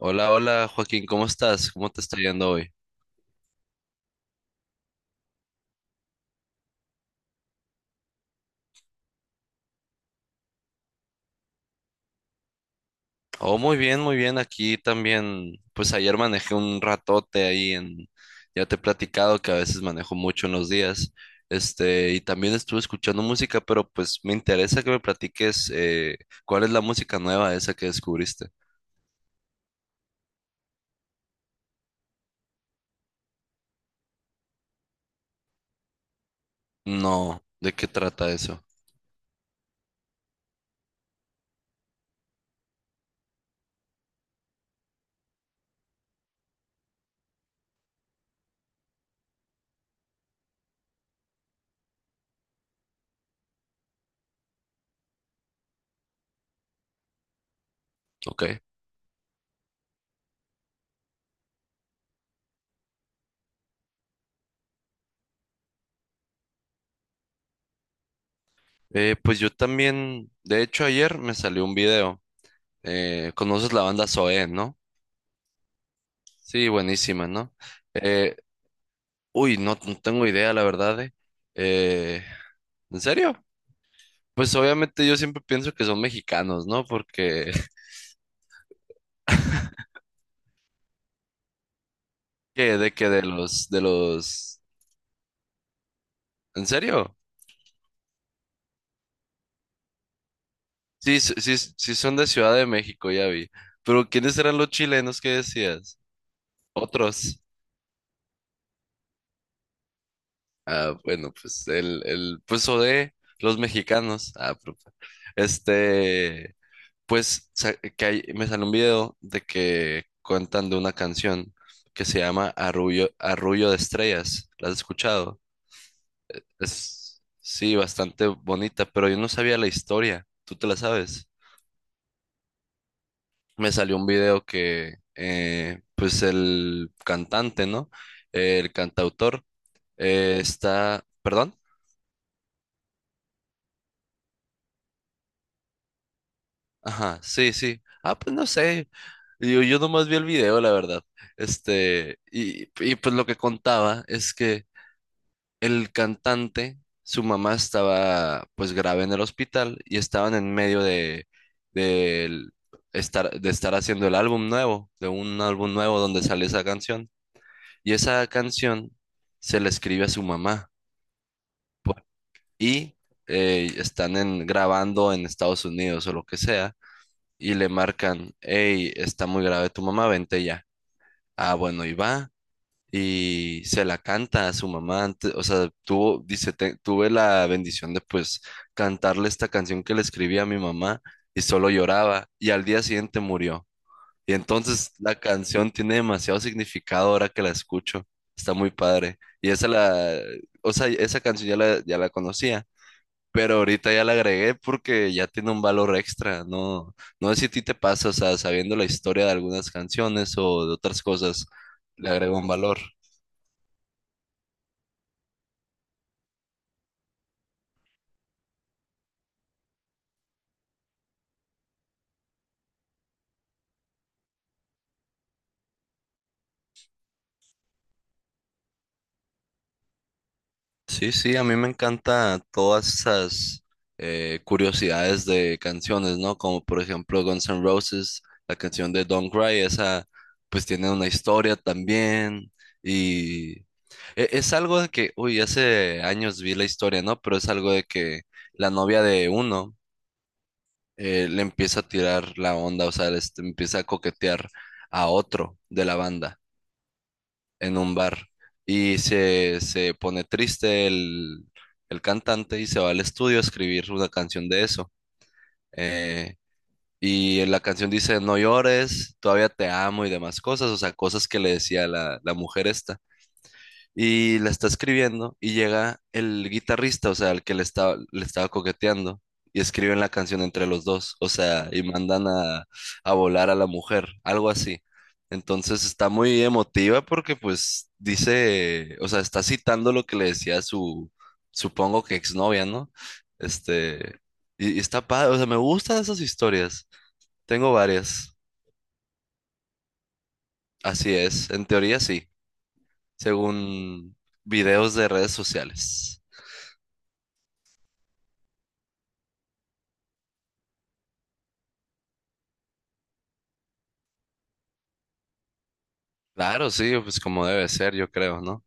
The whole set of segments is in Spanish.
Hola, hola Joaquín, ¿cómo estás? ¿Cómo te está yendo hoy? Oh, muy bien, muy bien. Aquí también, pues ayer manejé un ratote ahí en, ya te he platicado que a veces manejo mucho en los días, y también estuve escuchando música, pero pues me interesa que me platiques cuál es la música nueva esa que descubriste. No, ¿de qué trata eso? Ok. Pues yo también, de hecho ayer me salió un video. ¿Conoces la banda Zoé, no? Sí, buenísima, ¿no? Eh, Uy, no, no tengo idea, la verdad. Eh, ¿En serio? Pues obviamente yo siempre pienso que son mexicanos, ¿no? Porque, ¿qué? ¿De que de los, de los? ¿En serio? Sí, sí, sí son de Ciudad de México, ya vi. Pero ¿quiénes eran los chilenos que decías? Otros. Ah, bueno, pues pues o de los mexicanos. Este... Pues me sale un video de que cuentan de una canción que se llama Arrullo, Arrullo de Estrellas. ¿La has escuchado? Es, sí, bastante bonita, pero yo no sabía la historia. ¿Tú te la sabes? Me salió un video que, pues el cantante, ¿no? El cantautor está, ¿perdón? Ajá, sí, sí. Ah, pues no sé. Yo nomás vi el video, la verdad. Y pues lo que contaba es que el cantante, su mamá estaba pues grave en el hospital y estaban en medio de el- de estar haciendo el álbum nuevo, de un álbum nuevo donde sale esa canción. Y esa canción se la escribe a su mamá. pu- y están grabando en Estados Unidos o lo que sea y le marcan, hey, está muy grave tu mamá, vente ya. Ah, bueno, y va. Y se la canta a su mamá antes, o sea, tuvo, dice: Tuve la bendición de pues cantarle esta canción que le escribí a mi mamá y solo lloraba y al día siguiente murió". Y entonces la canción tiene demasiado significado ahora que la escucho, está muy padre. Y esa la, o sea, esa canción ya la, ya la conocía. Pero ahorita ya la agregué porque ya tiene un valor extra, ¿no? No sé si a ti te pasa, o sea, sabiendo la historia de algunas canciones o de otras cosas, le agrega un valor. Sí, sí, a mí me encanta todas esas curiosidades de canciones, ¿no? Como por ejemplo Guns N' Roses, la canción de Don't Cry, esa pues tiene una historia también. Y es algo de que, uy, hace años vi la historia, ¿no? Pero es algo de que la novia de uno le empieza a tirar la onda, o sea, empieza a coquetear a otro de la banda en un bar y se pone triste el cantante y se va al estudio a escribir una canción de eso. Eh, y la canción dice: no llores, todavía te amo y demás cosas, o sea, cosas que le decía la, la mujer esta, y la está escribiendo y llega el guitarrista, o sea, el que le estaba coqueteando, y escriben la canción entre los dos, o sea, y mandan a volar a la mujer, algo así. Entonces está muy emotiva porque pues dice, o sea, está citando lo que le decía su, supongo que exnovia, ¿no? Este, y está padre, o sea, me gustan esas historias. Tengo varias. Así es, en teoría sí, según videos de redes sociales. Claro, sí, pues como debe ser, yo creo, ¿no?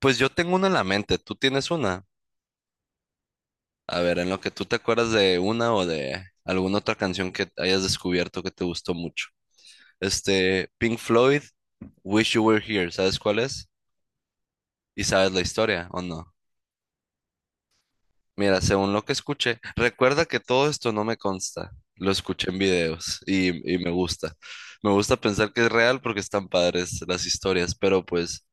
Pues yo tengo una en la mente, ¿tú tienes una? A ver, en lo que tú te acuerdas de una o de alguna otra canción que hayas descubierto que te gustó mucho. Este, Pink Floyd, Wish You Were Here, ¿sabes cuál es? ¿Y sabes la historia o no? Mira, según lo que escuché, recuerda que todo esto no me consta, lo escuché en videos y me gusta. Me gusta pensar que es real porque están padres las historias, pero pues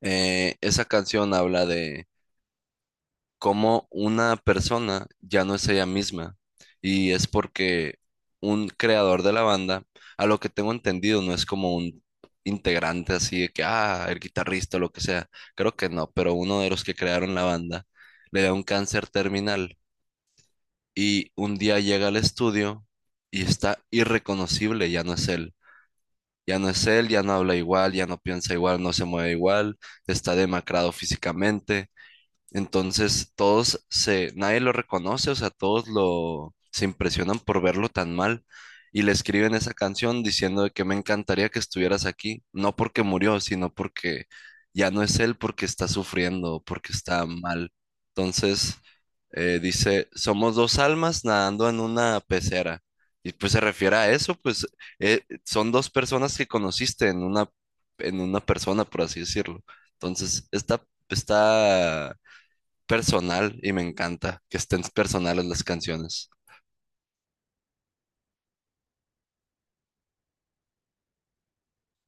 esa canción habla de cómo una persona ya no es ella misma. Y es porque un creador de la banda, a lo que tengo entendido, no es como un integrante así de que, ah, el guitarrista o lo que sea. Creo que no, pero uno de los que crearon la banda le da un cáncer terminal y un día llega al estudio y está irreconocible, ya no es él. Ya no es él, ya no habla igual, ya no piensa igual, no se mueve igual, está demacrado físicamente. Entonces, todos se, nadie lo reconoce, o sea, todos lo, se impresionan por verlo tan mal y le escriben esa canción diciendo de que me encantaría que estuvieras aquí, no porque murió, sino porque ya no es él porque está sufriendo, porque está mal. Entonces, dice, somos dos almas nadando en una pecera. Y pues se refiere a eso, pues son dos personas que conociste en una persona, por así decirlo. Entonces, está, está personal y me encanta que estén personales las canciones.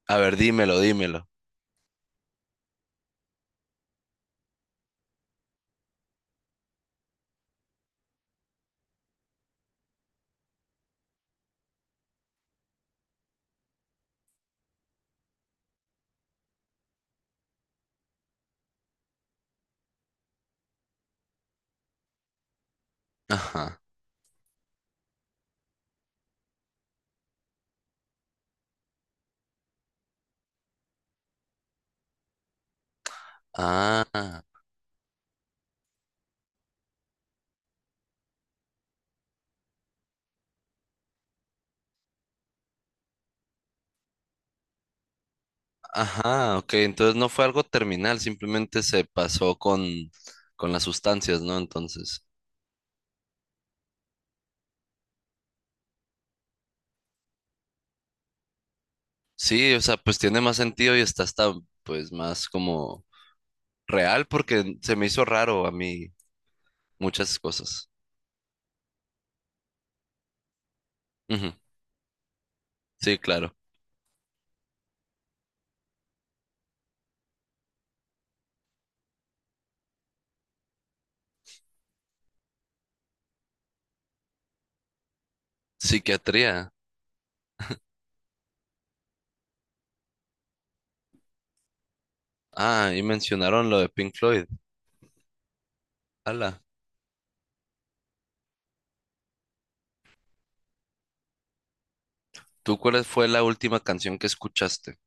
A ver, dímelo, dímelo. Ajá. Ah, ajá, ok. Entonces no fue algo terminal, simplemente se pasó con las sustancias, ¿no? Entonces, sí, o sea, pues tiene más sentido y está hasta, pues, más como real porque se me hizo raro a mí muchas cosas. Ujú, sí, claro. Psiquiatría. Ah, y mencionaron lo de Pink Floyd. Ala. ¿Tú cuál fue la última canción que escuchaste?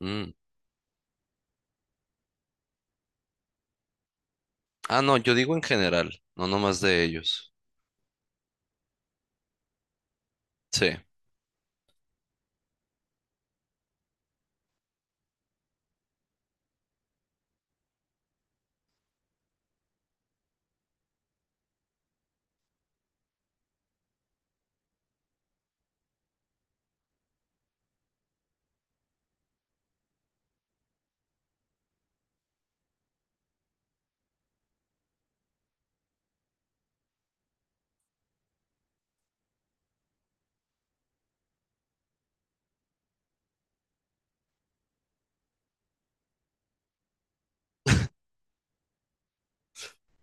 Mm. Ah, no, yo digo en general, no nomás de ellos. Sí.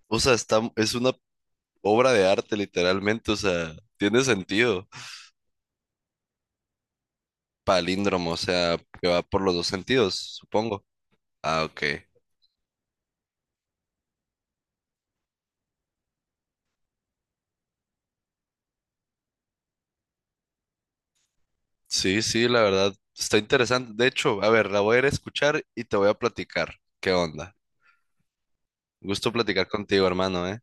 O sea, está, es una obra de arte literalmente, o sea, tiene sentido. Palíndromo, o sea, que va por los dos sentidos, supongo. Ah, ok. Sí, sí, la verdad, está interesante. De hecho, a ver, la voy a ir a escuchar y te voy a platicar. ¿Qué onda? Gusto platicar contigo, hermano, ¿eh?